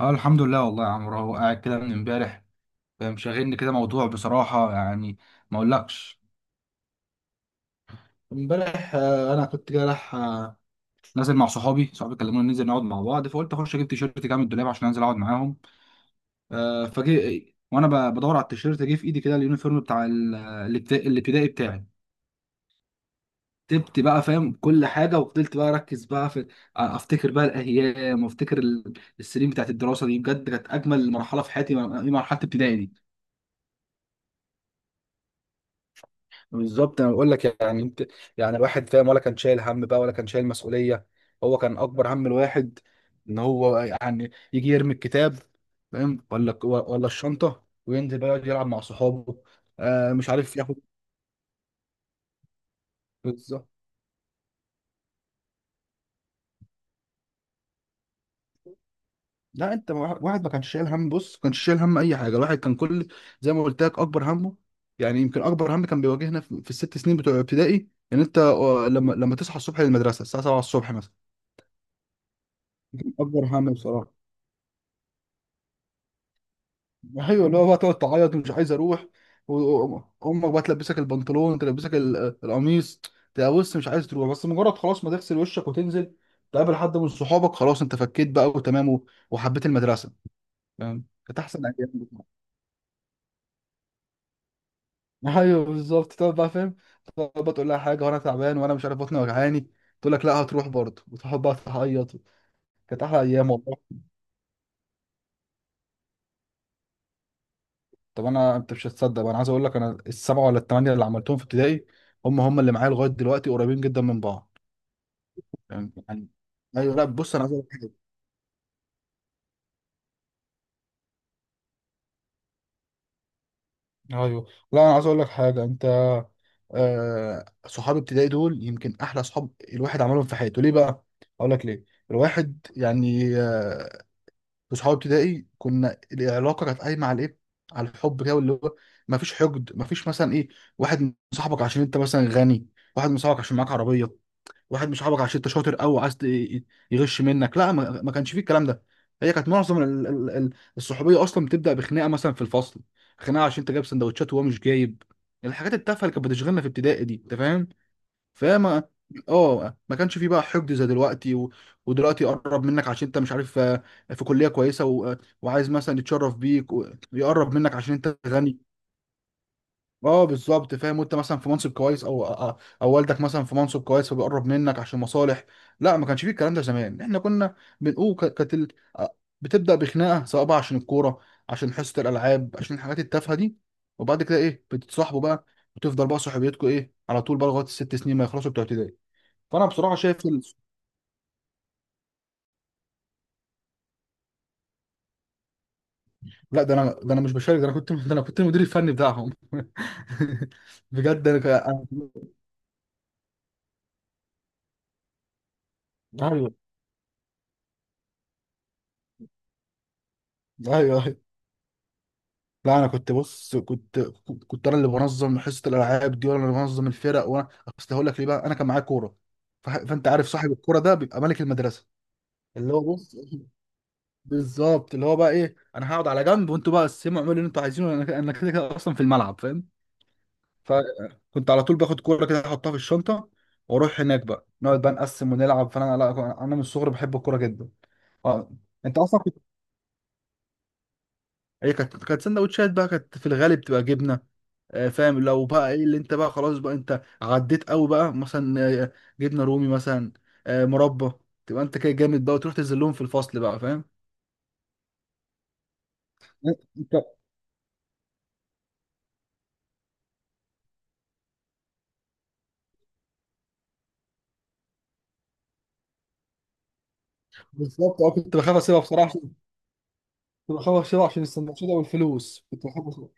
اه الحمد لله والله يا عمرو، اهو قاعد كده من امبارح. مشغلني كده موضوع بصراحة يعني، ما اقولكش. امبارح، انا كنت كده رايح نازل مع صحابي، صحابي كلموني ننزل نقعد مع بعض، فقلت اخش اجيب تيشيرت كده من الدولاب عشان انزل اقعد معاهم. فجي وانا بدور على التيشيرت، جه في ايدي كده اليونيفورم بتاع الابتدائي بتاعي. كتبت بقى فاهم كل حاجة، وفضلت بقى اركز بقى في، افتكر بقى الايام، وافتكر السنين بتاعت الدراسة دي، بجد كانت اجمل مرحلة في حياتي، مرحلة ابتدائي دي. بالظبط انا بقول لك، يعني انت يعني الواحد فاهم، ولا كان شايل هم بقى، ولا كان شايل مسؤوليه. هو كان اكبر هم الواحد ان هو يعني يجي يرمي الكتاب، فاهم، ولا الشنطه، وينزل بقى يقعد يلعب مع صحابه. مش عارف ياخد. بالظبط. لا انت، واحد واحد ما كانش شايل هم، بص ما كانش شايل هم اي حاجه، الواحد كان كل، زي ما قلت لك، اكبر همه. يعني يمكن اكبر هم كان بيواجهنا في الست سنين بتوع ابتدائي، ان انت لما تصحى الصبح للمدرسه الساعه 7 الصبح مثلا. دي كان اكبر هم بصراحه. ايوه، اللي هو بقى تقعد تعيط ومش عايز اروح، وامك بقى تلبسك البنطلون، تلبسك القميص، تبقى بص مش عايز تروح، بس مجرد خلاص ما تغسل وشك وتنزل تقابل حد من صحابك، خلاص انت فكيت بقى وتمام وحبيت المدرسه، فاهم. كانت احسن ايام بصراحة. ايوه بالظبط تقعد بقى فاهم، تقعد بقى تقول لها حاجه، وانا تعبان وانا مش عارف بطني وجعاني، تقول لك لا هتروح برضه، وتقعد بقى تعيط. كانت احلى ايام والله. طب انا، انت مش هتصدق بقى، انا عايز اقول لك، انا السبعه ولا الثمانيه اللي عملتهم في ابتدائي، هم هم اللي معايا لغايه دلوقتي قريبين جدا من بعض. يعني يعني- ايوه لا بص، انا عايز اقول لك حاجه. ايوه لا انا عايز اقول لك حاجه، انت. صحاب ابتدائي دول يمكن احلى صحاب الواحد عملهم في حياته. ليه بقى؟ اقول لك ليه. الواحد يعني، في صحاب ابتدائي كنا، العلاقه كانت قايمه على ايه؟ على الحب كده، واللي هو ما فيش حقد، ما فيش مثلا ايه، واحد مصاحبك عشان انت مثلا غني، واحد مصاحبك عشان معاك عربيه، واحد مش صاحبك عشان انت شاطر قوي عايز يغش منك، لا ما كانش فيه الكلام ده. هي كانت معظم الصحوبيه اصلا بتبدا بخناقه مثلا في الفصل، خناقه عشان انت جايب سندوتشات وهو مش جايب، الحاجات التافهه اللي كانت بتشغلنا في ابتدائي دي انت فاهم. فما اه ما كانش فيه بقى حقد زي دلوقتي و... ودلوقتي يقرب منك عشان انت مش عارف، في كليه كويسه و... وعايز مثلا يتشرف بيك ويقرب منك عشان انت غني. اه بالظبط فاهم، وانت مثلا في منصب كويس، او والدك مثلا في منصب كويس، فبيقرب منك عشان مصالح. لا ما كانش فيه الكلام ده، زمان احنا كنا بنقول كانت آه، بتبدا بخناقه، سواء بقى عشان الكوره، عشان حصه الالعاب، عشان الحاجات التافهه دي، وبعد كده ايه، بتتصاحبوا بقى. وتفضل بقى صحوبيتكم ايه على طول بقى لغايه الست سنين ما يخلصوا بتوع ابتدائي. فانا بصراحه شايف ال... لا ده انا مش بشارك، ده انا كنت المدير الفني بتاعهم. بجد ايوه ايوه، لا انا كنت بص كنت انا اللي بنظم حصه الالعاب دي، وانا اللي بنظم الفرق، وانا اصل هقول لك ليه بقى، انا كان معايا كوره. فانت عارف صاحب الكوره ده بيبقى ملك المدرسه. اللي هو بص بالظبط، اللي هو بقى ايه، انا هقعد على جنب، وانتوا بقى قسموا اعملوا اللي انتوا عايزينه، انا كده كده اصلا في الملعب، فاهم. فكنت على طول باخد كوره كده احطها في الشنطه، واروح هناك بقى نقعد بقى نقسم ونلعب. فانا لا، انا من الصغر بحب الكوره جدا آه، انت اصلا كنت، هي كانت سندوتشات بقى، كانت في الغالب بتبقى جبنه. فاهم، لو بقى ايه اللي انت بقى خلاص بقى، انت عديت قوي بقى مثلا، جبنه رومي مثلا، مربى، تبقى انت كده جامد بقى، وتروح تنزل في الفصل بقى فاهم. انت بالظبط، اه، كنت بخاف اسيبها بصراحه، عشان كنت بخاف اسيبها عشان السندوتشات او الفلوس كنت بخاف اسيبها.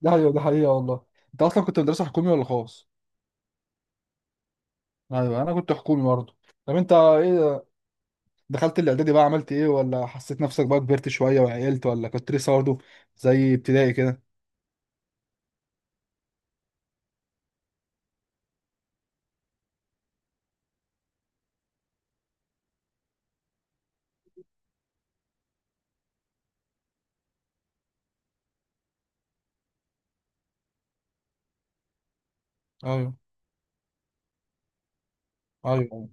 ده حقيقه ده حقيقه والله. انت اصلا كنت مدرسه حكومي ولا خاص؟ ايوه انا كنت حكومي برضه. طب انت ايه، دخلت الاعدادي بقى عملت ايه، ولا حسيت نفسك بقى كبرت شويه وعقلت، ولا كنت لسه برضه زي ابتدائي كده؟ ايوه ايوه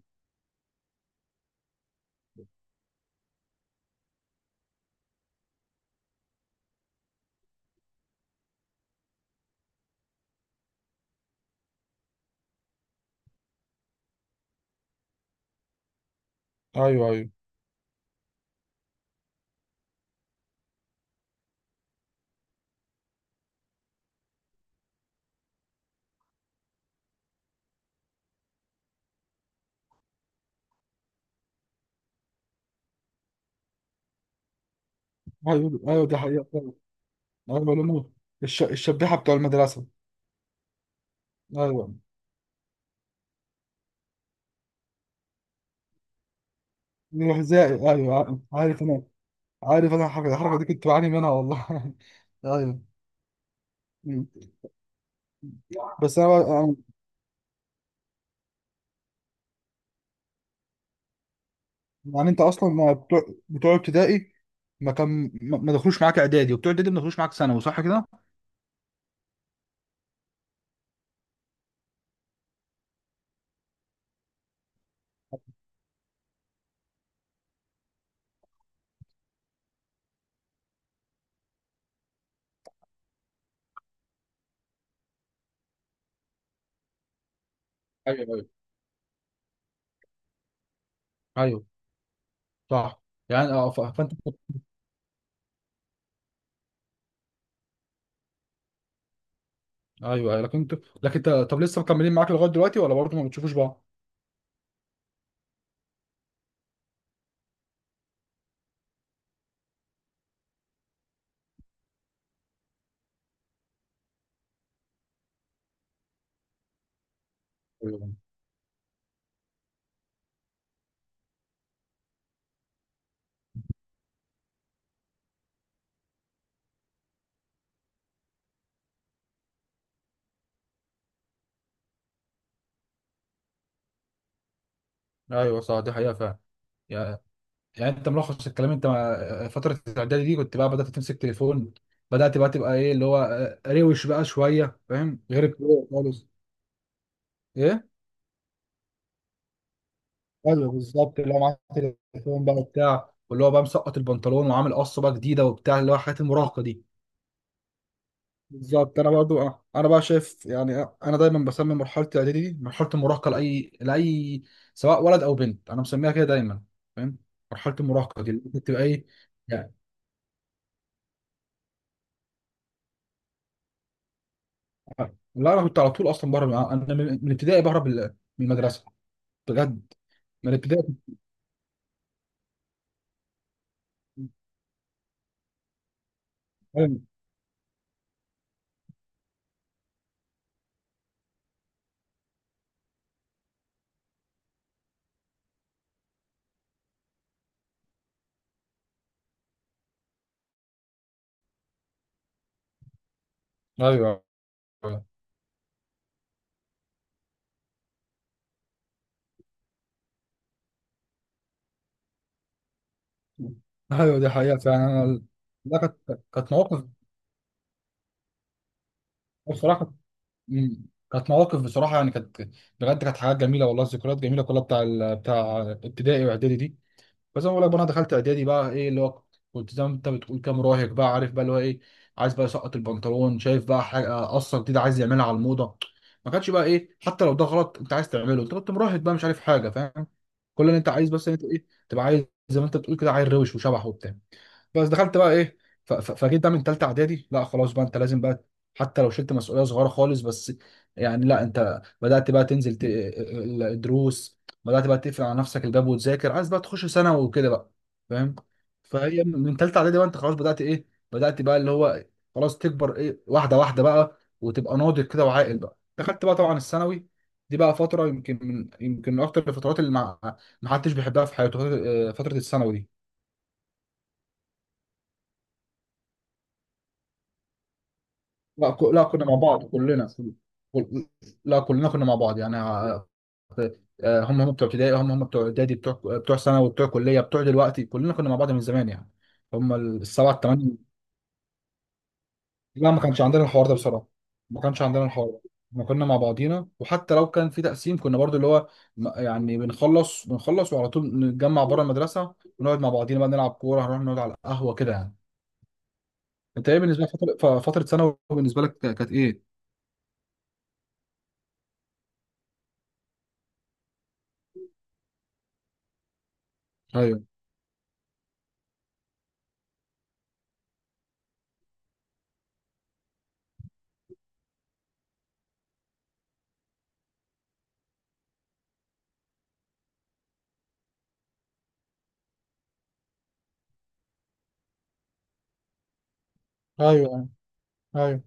ايوه ايوه ايوه ايوه دي حقيقة فعلا. ايوه لمو الشبيحة بتوع المدرسة. ايوه الحذاء، ايوه عارف انا الحركة دي كنت بعاني منها والله. ايوه م. بس انا يعني انت اصلا ما بتوع ابتدائي ما كان ما ما دخلوش معاك اعدادي، وبتوع اعدادي ما دخلوش معاك ثانوي، صح كده؟ ايوه ايوه ايوه صح. يعني اه فانت ايوه أيوة، لكن انت طب لسه مكملين معاك لغايه دلوقتي ولا برضه ما بتشوفوش بعض؟ أيوة. ايوه صح دي حقيقة فعلا. يعني يعني انت ملخص الكلام، انت مع فتره الاعدادي دي، كنت بقى بدات تمسك تليفون، بدات بقى تبقى ايه اللي هو، روش بقى شويه فاهم، غير الكوره خالص. ايه، ايوه بالظبط، اللي هو معاه تليفون بقى وبتاع، واللي هو بقى مسقط البنطلون وعامل قصه بقى جديده وبتاع، اللي هو حاجات المراهقه دي. بالظبط انا برضو، انا بقى شايف يعني، انا دايما بسمي مرحله الاعدادي دي مرحله المراهقه، لاي لاي، سواء ولد او بنت، انا مسميها كده دايما، فاهم، مرحله المراهقه دي اللي بتبقى ايه. لا انا كنت على طول اصلا بهرب انا من ابتدائي، بهرب من المدرسه بجد، من ابتدائي. ايوه ايوه ايوه دي حقيقه فعلا. انا لا، كانت مواقف بصراحه كانت. مم. كانت مواقف بصراحه يعني كانت، بجد كانت حاجات جميله والله، ذكريات جميله كلها بتاع بتاع ابتدائي واعدادي دي. فزي ما بقول لك بقى، انا دخلت اعدادي بقى، ايه اللي هو كنت زي ما انت بتقول كام مراهق بقى عارف بقى اللي هو ايه، عايز بقى يسقط البنطلون، شايف بقى حاجه، قصه جديده عايز يعملها على الموضه. ما كانش بقى ايه، حتى لو ده غلط انت عايز تعمله، انت كنت مراهق بقى مش عارف حاجه فاهم. كل اللي انت عايز، بس انت ايه تبقى عايز، زي ما انت بتقول كده عيل روش وشبح وبتاع. بس دخلت بقى ايه، فجيت بقى من تالتة اعدادي، لا خلاص بقى انت لازم بقى، حتى لو شلت مسؤولية صغيرة خالص، بس يعني لا انت بدأت بقى تنزل الدروس، بدأت بقى تقفل على نفسك الباب وتذاكر عايز بقى تخش ثانوي وكده بقى، فاهم. فهي من تالتة اعدادي بقى انت خلاص بدأت ايه، بدأت بقى اللي هو خلاص تكبر ايه واحدة واحدة بقى، وتبقى ناضج كده وعاقل بقى. دخلت بقى طبعا الثانوي، دي بقى فترة يمكن من أكتر الفترات اللي ما حدش بيحبها في حياته، فترة فترة الثانوي دي. لا لا كنا مع بعض كلنا، كل- لا كلنا كنا مع بعض يعني، هم هم بتوع ابتدائي، هم هم بتوع اعدادي، بتوع ثانوي، بتوع كليه، بتوع دلوقتي، كلنا كنا مع بعض من زمان يعني، هم السبعه الثمانيه. لا ما كانش عندنا الحوار ده بصراحه، ما كانش عندنا الحوار ده. احنا كنا مع بعضينا، وحتى لو كان في تقسيم كنا برضو اللي هو يعني بنخلص وعلى طول نتجمع بره المدرسه، ونقعد مع بعضينا بقى نلعب كوره، هنروح نقعد على القهوه كده يعني. انت ايه بالنسبه لك فتره، فتره ثانوي بالنسبه لك كانت ايه؟ ايوه ايوه ايوه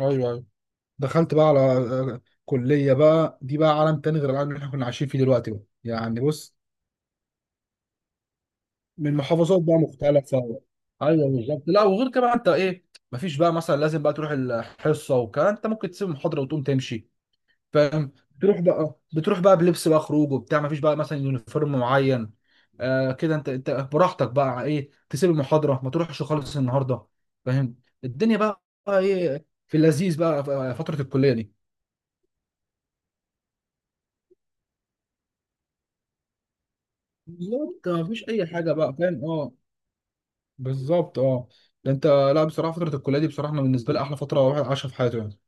ايوه ايوه. دخلت بقى على كليه بقى، دي بقى عالم تاني غير العالم اللي احنا كنا عايشين فيه دلوقتي بقى يعني بص، من محافظات بقى مختلفه، ايوه بالظبط. لا وغير كده بقى انت ايه، مفيش بقى مثلا لازم بقى تروح الحصه والكلام، انت ممكن تسيب المحاضره وتقوم تمشي، فاهم. تروح بقى، بتروح بقى بلبس بقى خروج وبتاع، مفيش بقى مثلا يونيفورم معين، كده انت براحتك بقى ايه تسيب المحاضره، ما تروحش خالص النهارده، فاهم. الدنيا بقى ايه في اللذيذ بقى في فتره الكليه دي. بالظبط مفيش اي حاجه بقى، فاهم اه. بالظبط اه، ده انت لا بصراحه، فتره الكليه دي بصراحه انا بالنسبه لي احلى فتره واحد عاشها في حياته يعني.